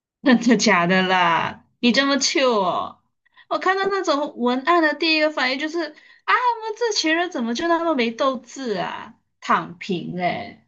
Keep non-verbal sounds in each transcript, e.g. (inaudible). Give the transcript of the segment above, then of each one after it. (laughs) 真的假的啦？你这么 c 哦？我看到那种文案的第一个反应就是啊，我们这群人怎么就那么没斗志啊？躺平嘞！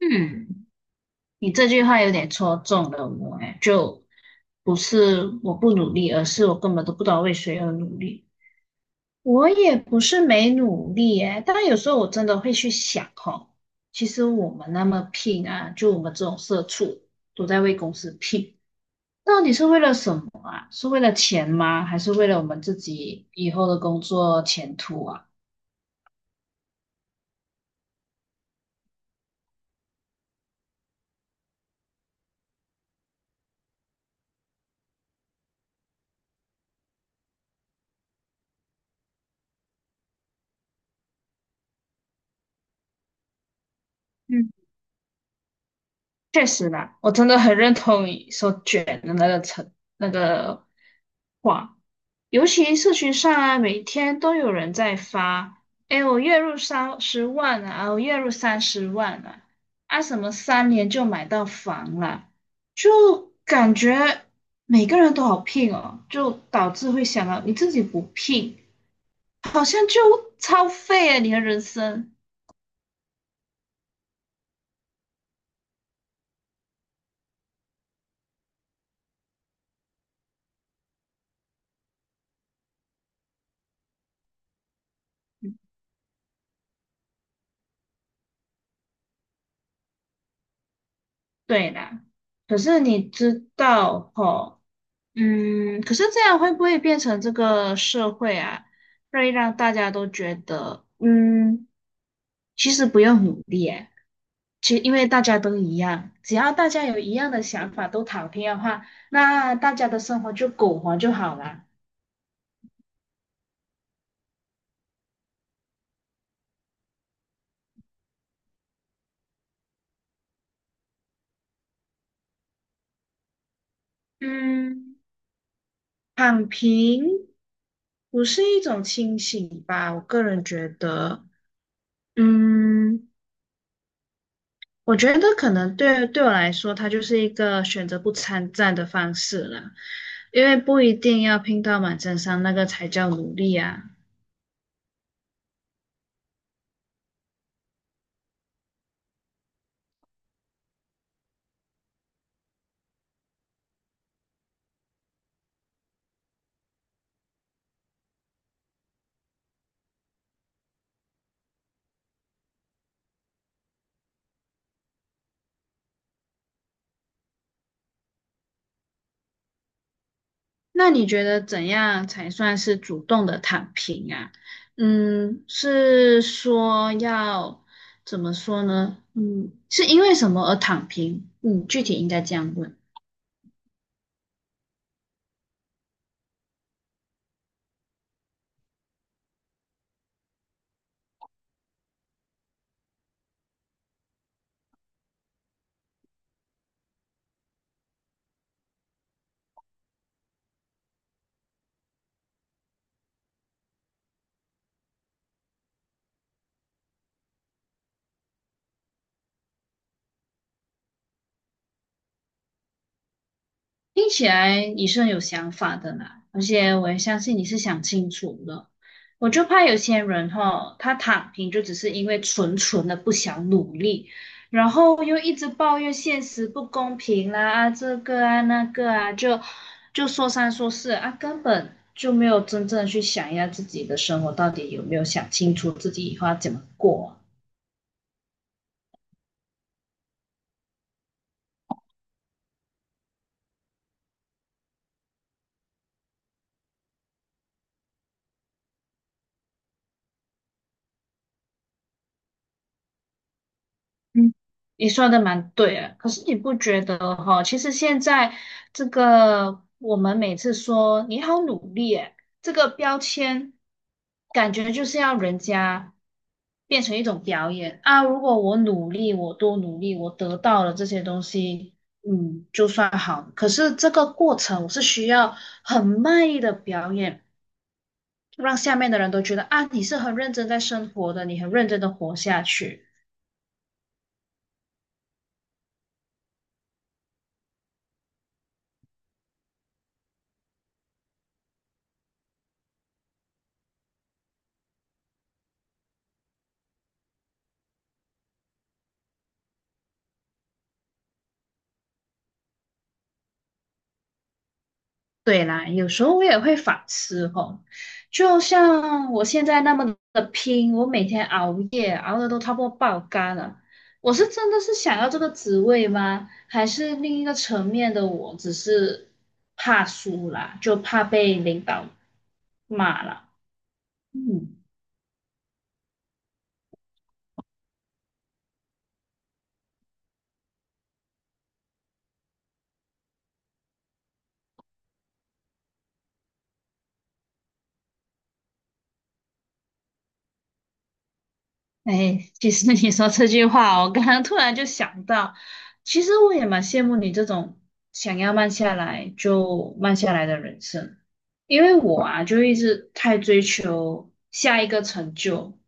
嗯，你这句话有点戳中了我哎，就不是我不努力，而是我根本都不知道为谁而努力。我也不是没努力哎，但有时候我真的会去想哦，其实我们那么拼啊，就我们这种社畜都在为公司拼。到底是为了什么啊？是为了钱吗？还是为了我们自己以后的工作前途啊？嗯，确实啦，我真的很认同你说卷的那个那个话，尤其社群上啊，每天都有人在发，哎，我月入三十万啊，我月入三十万啊，啊什么3年就买到房了，就感觉每个人都好拼哦，就导致会想到你自己不拼。好像就超废了你的人生。对啦，可是你知道吼，嗯，可是这样会不会变成这个社会啊，会让大家都觉得，嗯，其实不用努力诶，其实因为大家都一样，只要大家有一样的想法，都躺平的话，那大家的生活就苟活就好啦。嗯，躺平不是一种清醒吧？我个人觉得，嗯。我觉得可能对我来说，它就是一个选择不参战的方式了，因为不一定要拼到满身伤，那个才叫努力啊。那你觉得怎样才算是主动的躺平啊？嗯，是说要怎么说呢？嗯，是因为什么而躺平？嗯，具体应该这样问。听起来你是很有想法的啦，而且我也相信你是想清楚了。我就怕有些人哈，他躺平就只是因为纯纯的不想努力，然后又一直抱怨现实不公平啦，啊这个啊那个啊，就说三说四啊，根本就没有真正地去想一下自己的生活到底有没有想清楚自己以后要怎么过啊。嗯，你说的蛮对啊，可是你不觉得哈？其实现在这个我们每次说你好努力诶，这个标签感觉就是要人家变成一种表演啊。如果我努力，我多努力，我得到了这些东西，嗯，就算好。可是这个过程我是需要很卖力的表演，让下面的人都觉得啊，你是很认真在生活的，你很认真的活下去。对啦，有时候我也会反思哦，就像我现在那么的拼，我每天熬夜，熬的都差不多爆肝了。我是真的是想要这个职位吗？还是另一个层面的我只是怕输啦，就怕被领导骂了。嗯。哎，其实你说这句话哦，我刚刚突然就想到，其实我也蛮羡慕你这种想要慢下来就慢下来的人生，因为我啊，就一直太追求下一个成就，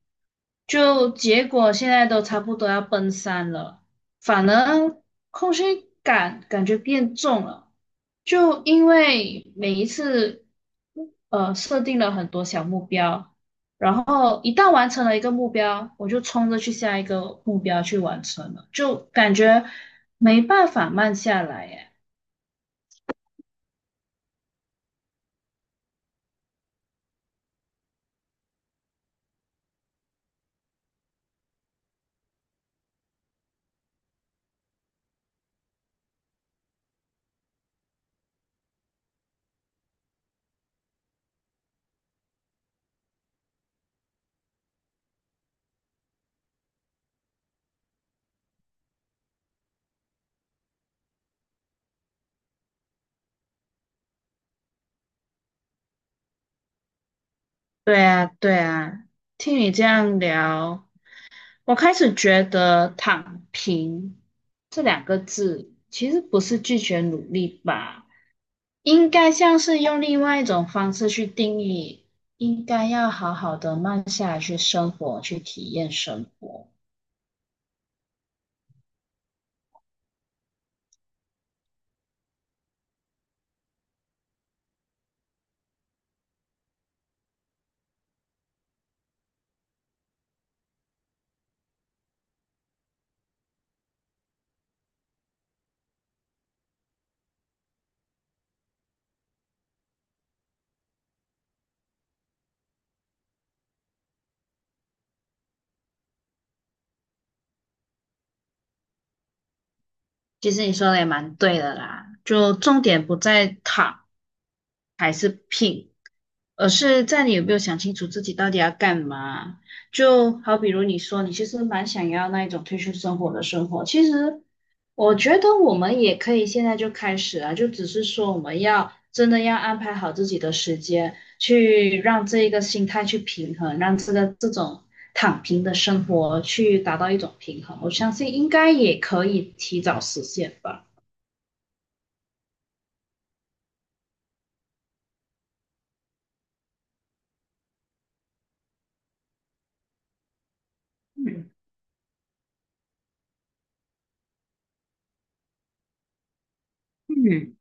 就结果现在都差不多要奔三了，反而空虚感觉变重了，就因为每一次设定了很多小目标。然后一旦完成了一个目标，我就冲着去下一个目标去完成了，就感觉没办法慢下来耶。对啊，对啊，听你这样聊，我开始觉得"躺平"这两个字其实不是拒绝努力吧，应该像是用另外一种方式去定义，应该要好好的慢下来去生活，去体验生活。其实你说的也蛮对的啦，就重点不在躺还是拼，而是在你有没有想清楚自己到底要干嘛？就好比如你说你其实蛮想要那一种退休生活的生活，其实我觉得我们也可以现在就开始啊，就只是说我们要真的要安排好自己的时间，去让这一个心态去平衡，让这种躺平的生活去达到一种平衡，我相信应该也可以提早实现吧。嗯嗯。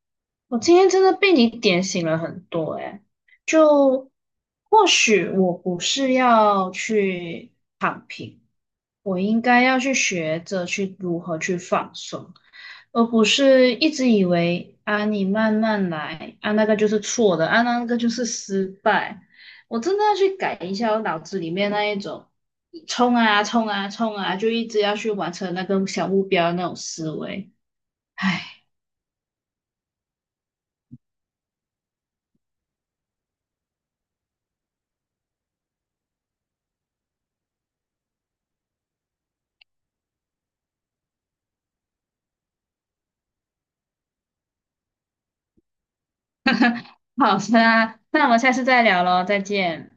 我今天真的被你点醒了很多诶，就或许我不是要去躺平，我应该要去学着去如何去放松，而不是一直以为啊你慢慢来啊那个就是错的啊那个就是失败，我真的要去改一下我脑子里面那一种冲啊冲啊冲啊，就一直要去完成那个小目标的那种思维，唉。好的啊，那我们下次再聊喽，再见。